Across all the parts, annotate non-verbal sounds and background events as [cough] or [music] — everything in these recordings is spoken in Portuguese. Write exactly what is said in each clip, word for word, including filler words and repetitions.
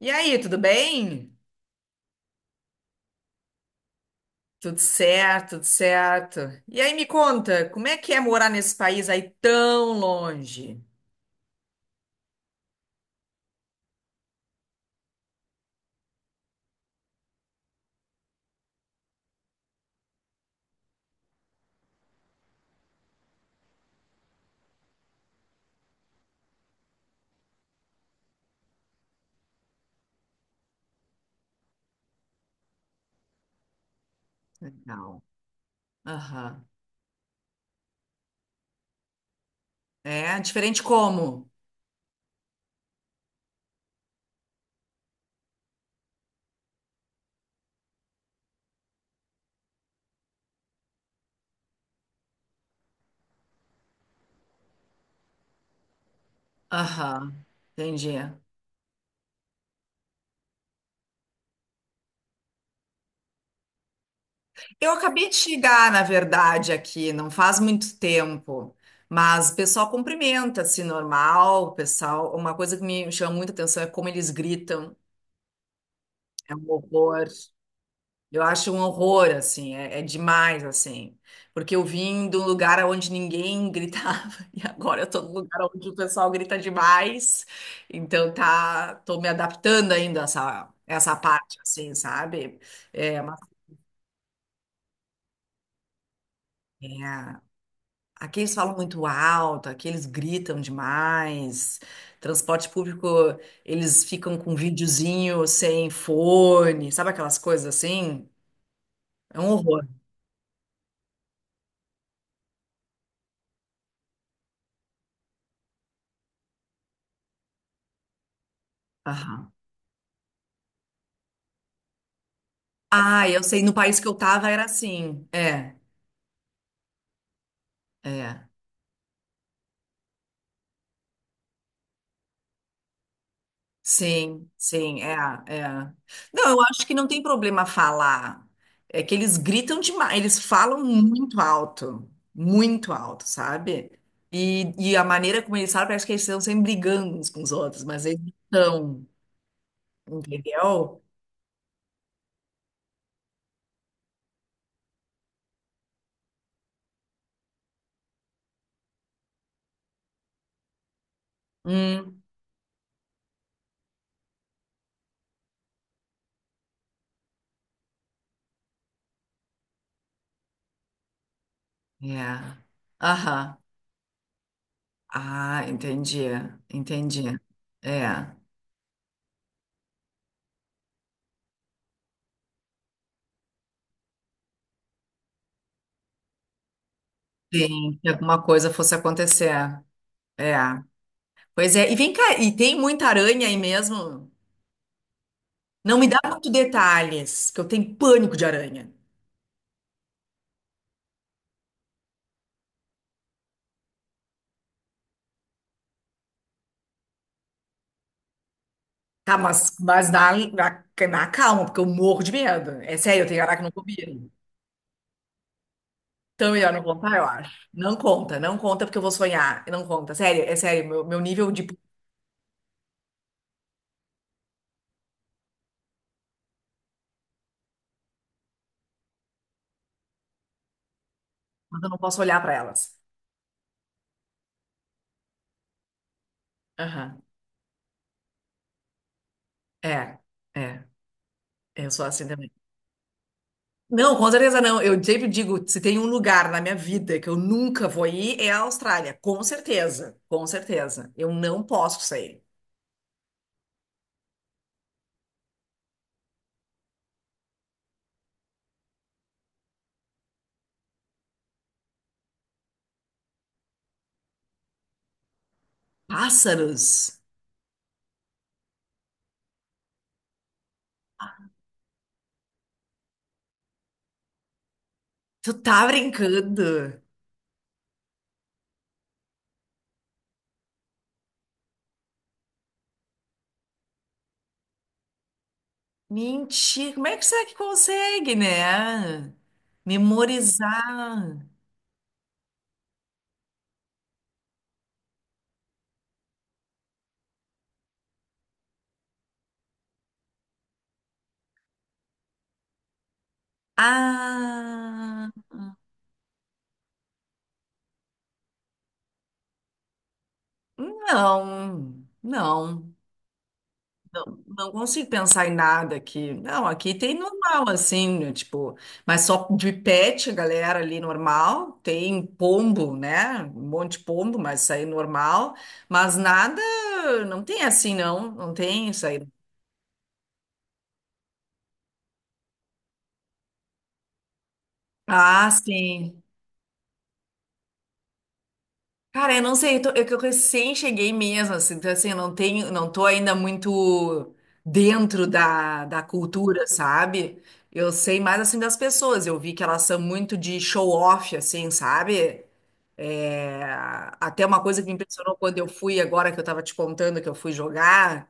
E aí, tudo bem? Tudo certo, tudo certo. E aí, me conta, como é que é morar nesse país aí tão longe? Legal. Aham. É, diferente como? Aham, entendi. Eu acabei de chegar, na verdade, aqui, não faz muito tempo, mas o pessoal cumprimenta, assim, normal, o pessoal, uma coisa que me chama muita atenção é como eles gritam, é um horror. Eu acho um horror, assim, é, é demais, assim. Porque eu vim de um lugar onde ninguém gritava, [laughs] e agora eu tô num lugar onde o pessoal grita demais. Então tá, tô me adaptando ainda a essa, essa parte, assim, sabe? É, mas, é, Aqui eles falam muito alto, aqui eles gritam demais. Transporte público, eles ficam com videozinho sem fone, sabe aquelas coisas assim? É um horror. Aham. Ah, eu sei, no país que eu tava era assim. É, é. Sim, sim, é, é. Não, eu acho que não tem problema falar. É que eles gritam demais, eles falam muito alto, muito alto, sabe? E, e a maneira como eles falam parece que eles estão sempre brigando uns com os outros, mas eles não estão, entendeu? Hum, é. Aham. Ah, entendi, entendi. É. Sim, que alguma coisa fosse acontecer. É. Pois é, e vem cá, e tem muita aranha aí mesmo? Não me dá muito detalhes, que eu tenho pânico de aranha. Tá, mas, mas na, na, na calma, porque eu morro de medo. É sério, eu tenho aracnofobia. Então, melhor não contar, eu acho. Não conta, não conta, porque eu vou sonhar. Não conta, sério, é sério, meu, meu nível de pânico. Eu não posso olhar pra elas. Aham. É, é, eu sou assim também. Não, com certeza não. Eu sempre digo, se tem um lugar na minha vida que eu nunca vou ir, é a Austrália. Com certeza, com certeza. Eu não posso sair. Pássaros, tu tá brincando? Mentira, como é que será que consegue, né? Memorizar. Ah, não, não. Não consigo pensar em nada aqui. Não, aqui tem normal, assim, né, tipo, mas só de pet, galera ali normal. Tem pombo, né? Um monte de pombo, mas isso aí é normal. Mas nada, não tem assim, não. Não tem isso aí. Ah, sim. Cara, eu não sei, eu, tô- eu, que eu recém cheguei mesmo, assim, então assim, eu não tenho, não tô ainda muito dentro da, da cultura, sabe? Eu sei mais assim das pessoas, eu vi que elas são muito de show off, assim, sabe? É, até uma coisa que me impressionou quando eu fui, agora que eu estava te contando que eu fui jogar,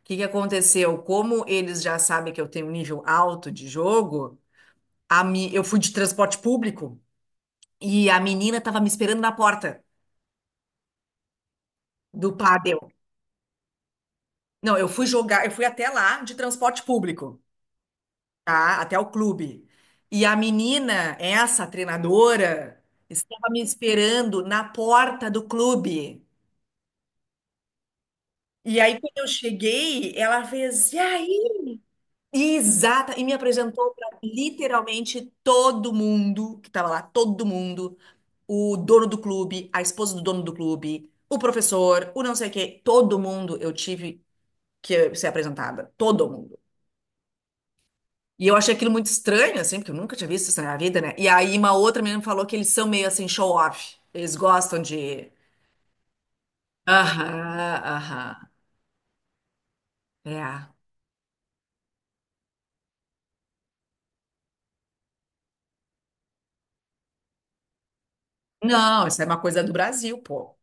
o que que aconteceu? Como eles já sabem que eu tenho um nível alto de jogo, a mi... eu fui de transporte público e a menina estava me esperando na porta do pádel. Não, eu fui jogar, eu fui até lá de transporte público, tá? Até o clube. E a menina, essa treinadora, estava me esperando na porta do clube. E aí, quando eu cheguei, ela fez, e aí? Exata, e me apresentou para literalmente todo mundo que estava lá, todo mundo, o dono do clube, a esposa do dono do clube, o professor, o não sei o quê, todo mundo eu tive que ser apresentada, todo mundo. E eu achei aquilo muito estranho, assim, porque eu nunca tinha visto isso na minha vida, né? E aí uma outra menina me falou que eles são meio assim show-off, eles gostam de... Aham, aham, é. Não, isso é uma coisa do Brasil, pô.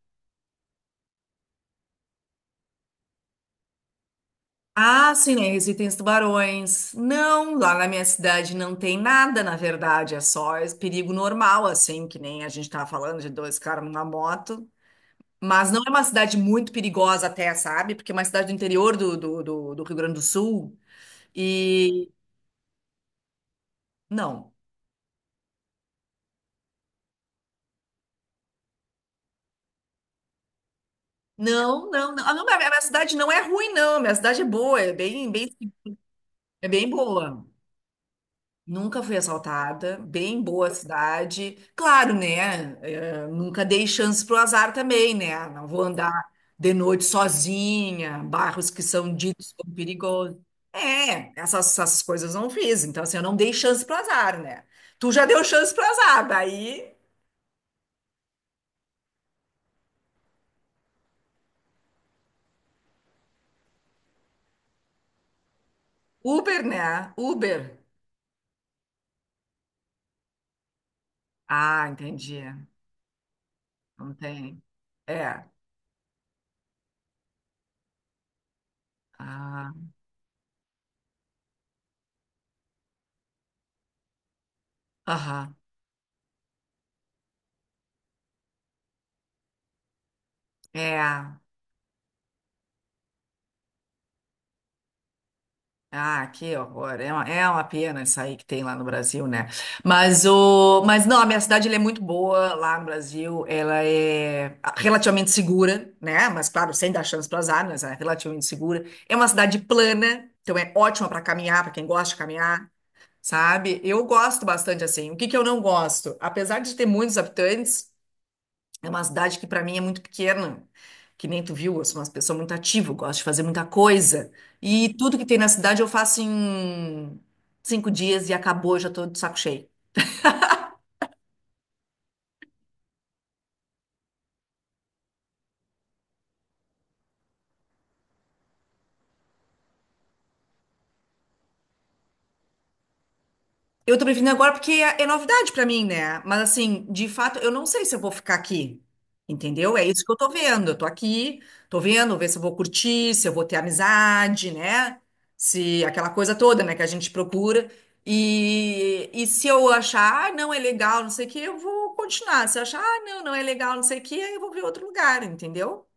Ah, sim, né? Recife tem os tubarões. Não, lá na minha cidade não tem nada, na verdade. É só esse perigo normal, assim, que nem a gente tava falando de dois caras numa moto. Mas não é uma cidade muito perigosa até, sabe? Porque é uma cidade do interior do, do, do, do Rio Grande do Sul. E não. Não, não, não. Ah, não, a minha a minha cidade não é ruim, não. A minha cidade é boa, é bem, bem, é bem boa. Nunca fui assaltada, bem boa cidade. Claro, né? Eh, nunca dei chance pro azar também, né? Não vou andar de noite sozinha, bairros que são ditos como perigosos. É, essas, essas coisas não fiz. Então, assim, eu não dei chance pro azar, né? Tu já deu chance pro azar, daí Uber, né? Uber. Ah, entendi. Não tem. É. Ah, aham. É. Ah, que horror. É uma, é uma pena isso aí que tem lá no Brasil, né? Mas, o, mas não, a minha cidade ela é muito boa lá no Brasil. Ela é relativamente segura, né? Mas, claro, sem dar chance para as armas, é relativamente segura. É uma cidade plana, então é ótima para caminhar, para quem gosta de caminhar, sabe? Eu gosto bastante assim. O que que eu não gosto? Apesar de ter muitos habitantes. É uma cidade que para mim é muito pequena, que nem tu viu, eu sou uma pessoa muito ativa, eu gosto de fazer muita coisa. E tudo que tem na cidade eu faço em cinco dias e acabou, eu já tô de saco cheio. Eu tô me vindo agora porque é, é novidade pra mim, né? Mas assim, de fato, eu não sei se eu vou ficar aqui. Entendeu? É isso que eu tô vendo. Eu tô aqui, tô vendo, ver se eu vou curtir, se eu vou ter amizade, né? Se aquela coisa toda, né, que a gente procura. E, e se eu achar, ah, não é legal, não sei o que, eu vou continuar. Se eu achar, ah, não, não é legal, não sei o que, aí eu vou ver outro lugar, entendeu?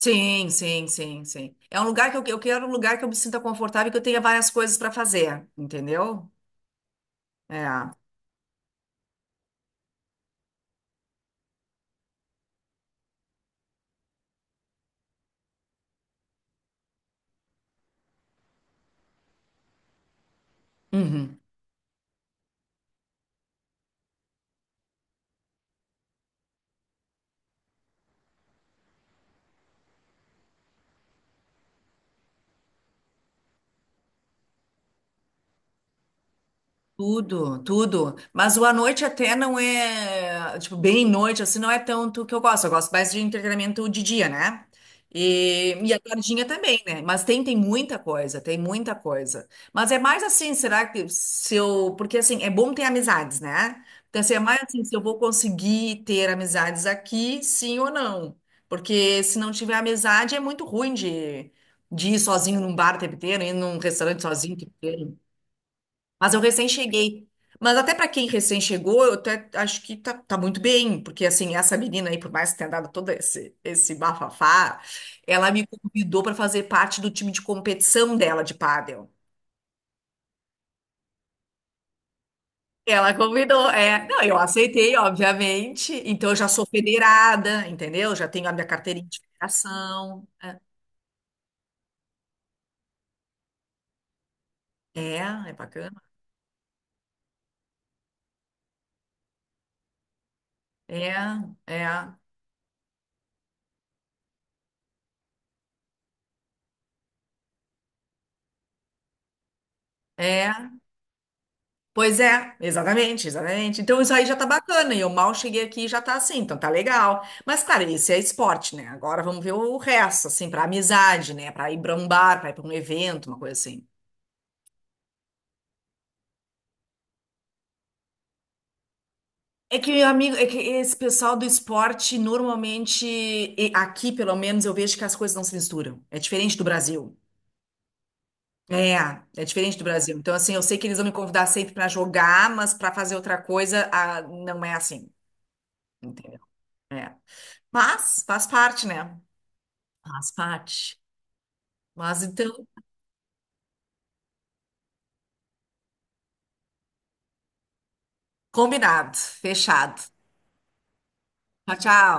Sim, sim, sim, sim. É um lugar que eu, eu quero um lugar que eu me sinta confortável e que eu tenha várias coisas pra fazer, entendeu? É. Uhum. Tudo, tudo. Mas o à noite até não é, tipo, bem noite, assim, não é tanto que eu gosto. Eu gosto mais de entretenimento de dia, né? E, e a tardinha também, né? Mas tem, tem muita coisa, tem muita coisa. Mas é mais assim, será que se eu. Porque assim, é bom ter amizades, né? Então, assim, é mais assim, se eu vou conseguir ter amizades aqui, sim ou não. Porque se não tiver amizade, é muito ruim de, de ir sozinho num bar o tempo inteiro, ir num restaurante sozinho o tempo inteiro. Mas eu recém cheguei. Mas até para quem recém chegou, eu até acho que tá, tá muito bem, porque assim, essa menina aí, por mais que tenha dado todo esse, esse bafafá, ela me convidou para fazer parte do time de competição dela de pádel. Ela convidou, é. Não, eu aceitei, obviamente. Então eu já sou federada, entendeu? Já tenho a minha carteirinha de federação. É, é bacana. É, é, é. Pois é, exatamente, exatamente. Então isso aí já tá bacana, e eu mal cheguei aqui e já tá assim, então tá legal. Mas, claro, isso é esporte, né? Agora vamos ver o resto, assim, pra amizade, né? Pra ir pra um bar, pra ir pra um evento, uma coisa assim. É que, amigo, é que esse pessoal do esporte, normalmente, e aqui pelo menos, eu vejo que as coisas não se misturam. É diferente do Brasil. É, é diferente do Brasil. Então, assim, eu sei que eles vão me convidar sempre pra jogar, mas pra fazer outra coisa, ah, não é assim, entendeu? É. Mas faz parte, né? Faz parte. Mas então, combinado, fechado. Tchau, tchau.